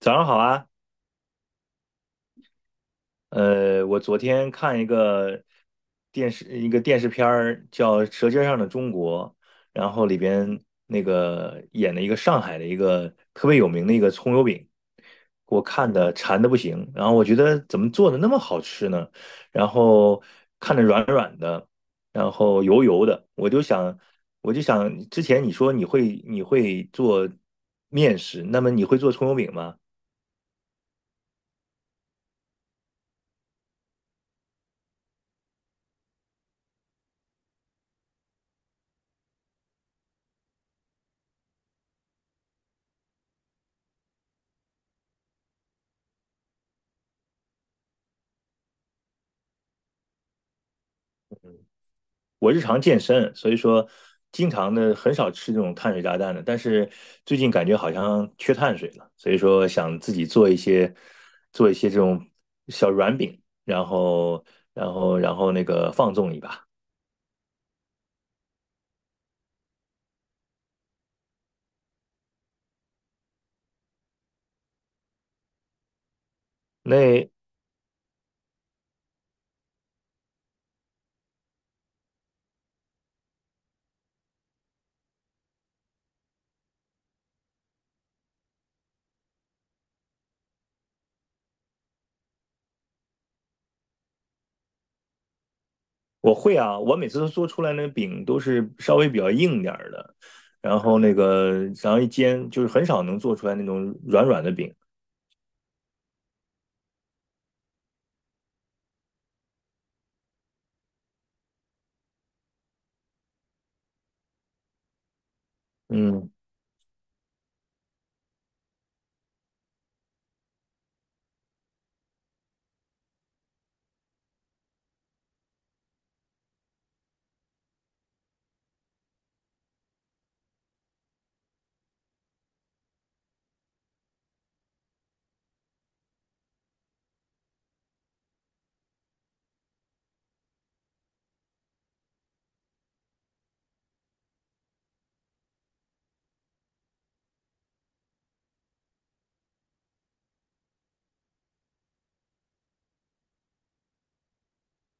早上好啊，我昨天看一个电视片儿叫《舌尖上的中国》，然后里边那个演了一个上海的一个特别有名的一个葱油饼，我看的馋的不行，然后我觉得怎么做的那么好吃呢？然后看着软软的，然后油油的，我就想之前你说你会做面食，那么你会做葱油饼吗？我日常健身，所以说经常的很少吃这种碳水炸弹的。但是最近感觉好像缺碳水了，所以说想自己做一些这种小软饼，然后那个放纵一把。那我会啊，我每次都做出来那个饼都是稍微比较硬点儿的，然后一煎就是很少能做出来那种软软的饼。嗯，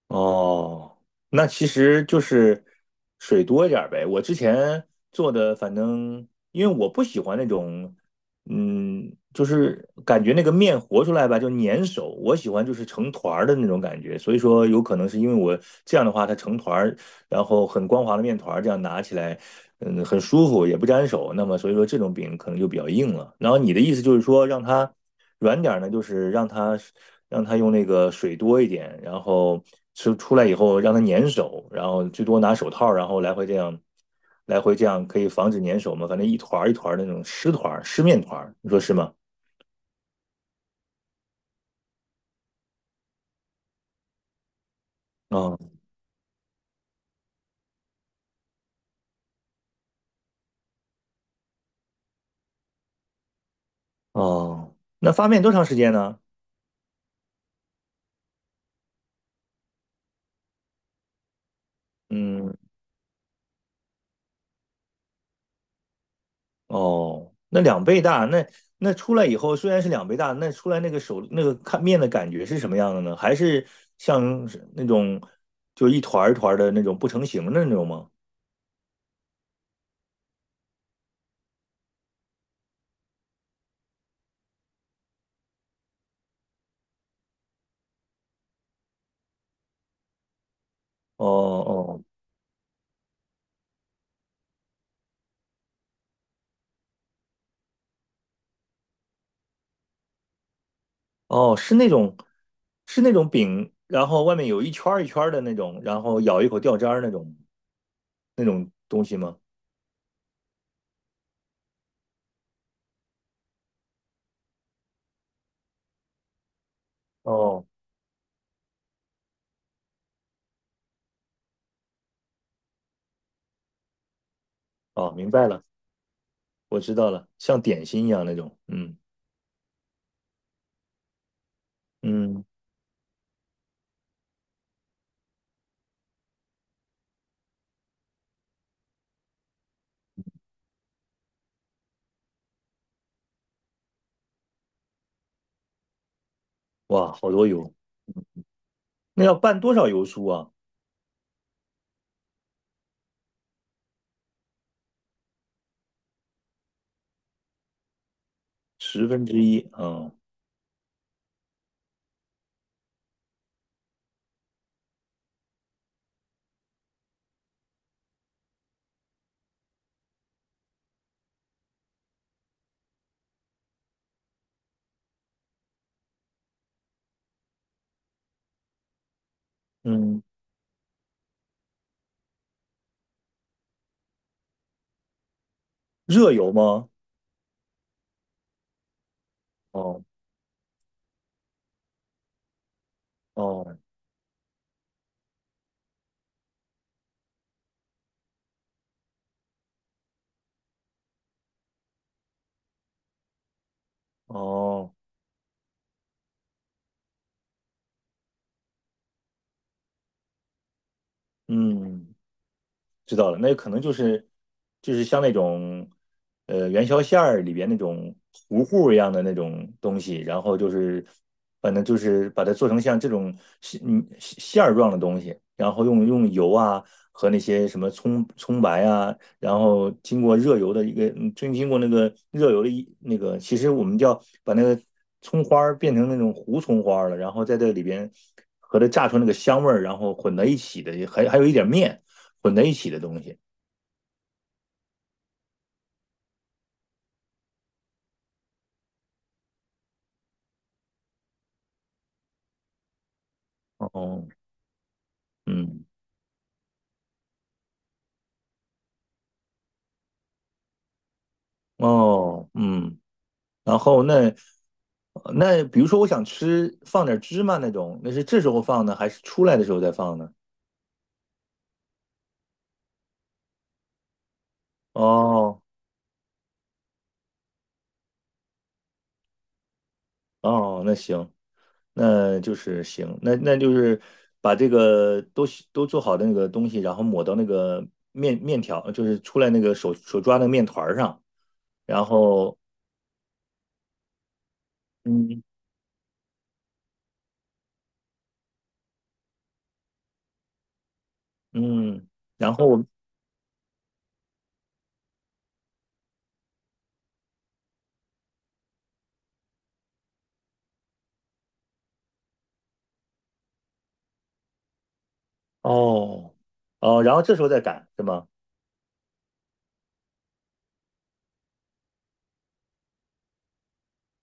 哦，那其实就是水多一点儿呗。我之前做的，反正因为我不喜欢那种，嗯，就是感觉那个面和出来吧，就粘手。我喜欢就是成团儿的那种感觉，所以说有可能是因为我这样的话，它成团儿然后很光滑的面团这样拿起来，嗯，很舒服，也不粘手。那么所以说这种饼可能就比较硬了。然后你的意思就是说让它软点呢，就是让它用那个水多一点，然后吃出来以后让它粘手，然后最多拿手套，然后来回这样可以防止粘手嘛。反正一团儿一团儿那种湿团儿、湿面团儿，你说是吗？哦哦，那发面多长时间呢？嗯，哦，那两倍大，那出来以后虽然是两倍大，那出来那个手那个看面的感觉是什么样的呢？还是像是那种就一团儿一团儿的那种不成形的那种吗？哦哦哦，是那种饼，然后外面有一圈儿一圈儿的那种，然后咬一口掉渣儿那种东西吗？哦哦，明白了，我知道了，像点心一样那种。嗯嗯，哇，好多油，那要拌多少油酥啊？十分之一，啊。嗯，热油吗？哦哦哦，嗯，知道了，那可能就是像那种元宵馅儿里边那种糊糊一样的那种东西，然后就是反正就是把它做成像这种馅馅儿状的东西，然后用油啊和那些什么葱白啊，然后经过热油的一个，经过那个热油的一那个，其实我们叫把那个葱花儿变成那种糊葱花儿了，然后在这里边和它炸出那个香味儿，然后混在一起的，还有一点面。混在一起的东西。哦，嗯，哦，嗯，然后那比如说我想吃放点芝麻那种，那是这时候放呢，还是出来的时候再放呢？哦哦，那行，那就是行，那就是把这个都做好的那个东西，然后抹到那个面条，就是出来那个手抓的面团儿上，然后嗯嗯，然后我哦哦，然后这时候再擀是吗？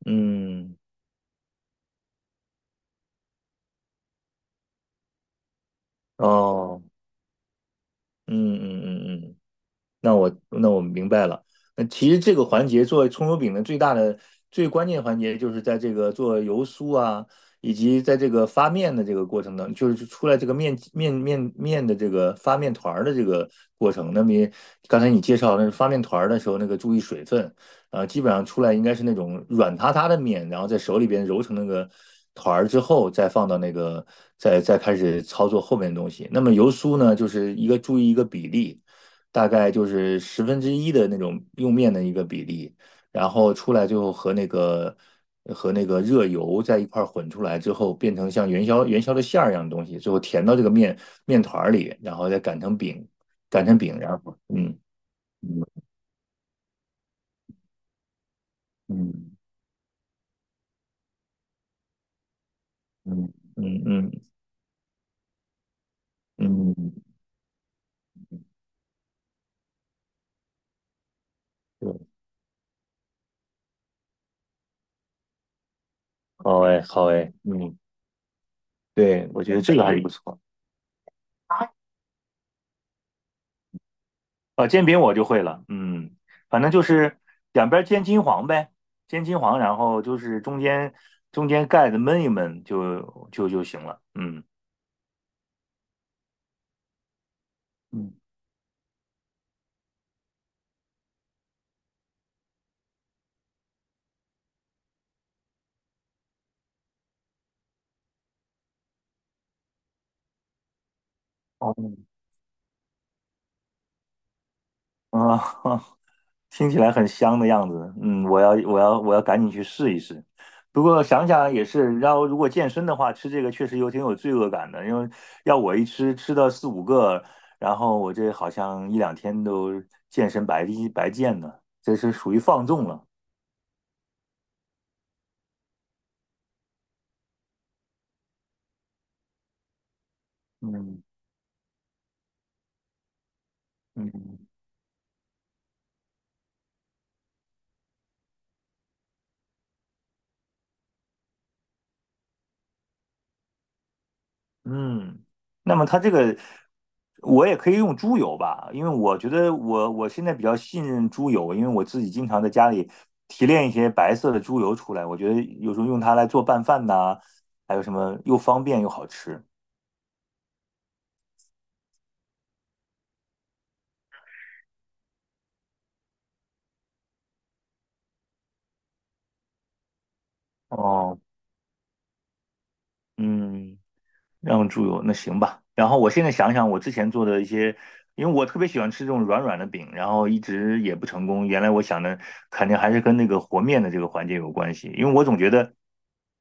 嗯哦，嗯嗯嗯嗯，那我明白了。那其实这个环节做葱油饼的最大的最关键环节，就是在这个做油酥啊，以及在这个发面的这个过程当中，就是出来这个面的这个发面团儿的这个过程。那么也刚才你介绍那是发面团儿的时候，那个注意水分，基本上出来应该是那种软塌塌的面，然后在手里边揉成那个团儿之后，再放到那个再开始操作后面的东西。那么油酥呢，就是一个注意一个比例。大概就是十分之一的那种用面的一个比例，然后出来最后和那个和那个热油在一块儿混出来之后，变成像元宵的馅儿一样的东西，最后填到这个面团儿里，然后再擀成饼，然后嗯嗯嗯嗯嗯嗯嗯，嗯对，好哎好哎，嗯，对，我觉得这个还是不错。啊，煎饼我就会了，嗯，反正就是两边煎金黄呗，煎金黄，然后就是中间盖子焖一焖就行了，嗯嗯，哦，啊，听起来很香的样子，嗯，我要赶紧去试一试。不过想想也是，然后如果健身的话，吃这个确实有挺有罪恶感的，因为要我一吃到四五个，然后我这好像一两天都健身白白健呢，这是属于放纵了，嗯。嗯嗯，那么它这个我也可以用猪油吧，因为我觉得我现在比较信任猪油，因为我自己经常在家里提炼一些白色的猪油出来，我觉得有时候用它来做拌饭呐，还有什么又方便又好吃。哦，嗯，让猪油，那行吧。然后我现在想想，我之前做的一些，因为我特别喜欢吃这种软软的饼，然后一直也不成功。原来我想的肯定还是跟那个和面的这个环节有关系，因为我总觉得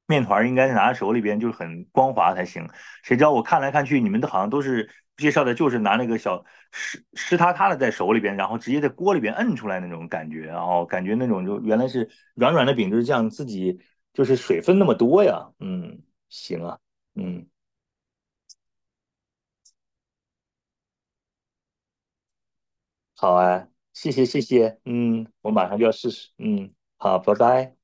面团儿应该是拿在手里边就是很光滑才行。谁知道我看来看去，你们都好像都是介绍的，就是拿那个小湿湿塌塌的在手里边，然后直接在锅里边摁出来那种感觉，然后感觉那种就原来是软软的饼就是这样，自己就是水分那么多呀。嗯，行啊，嗯。好啊，谢谢谢谢，嗯，我马上就要试试，嗯，好，拜拜。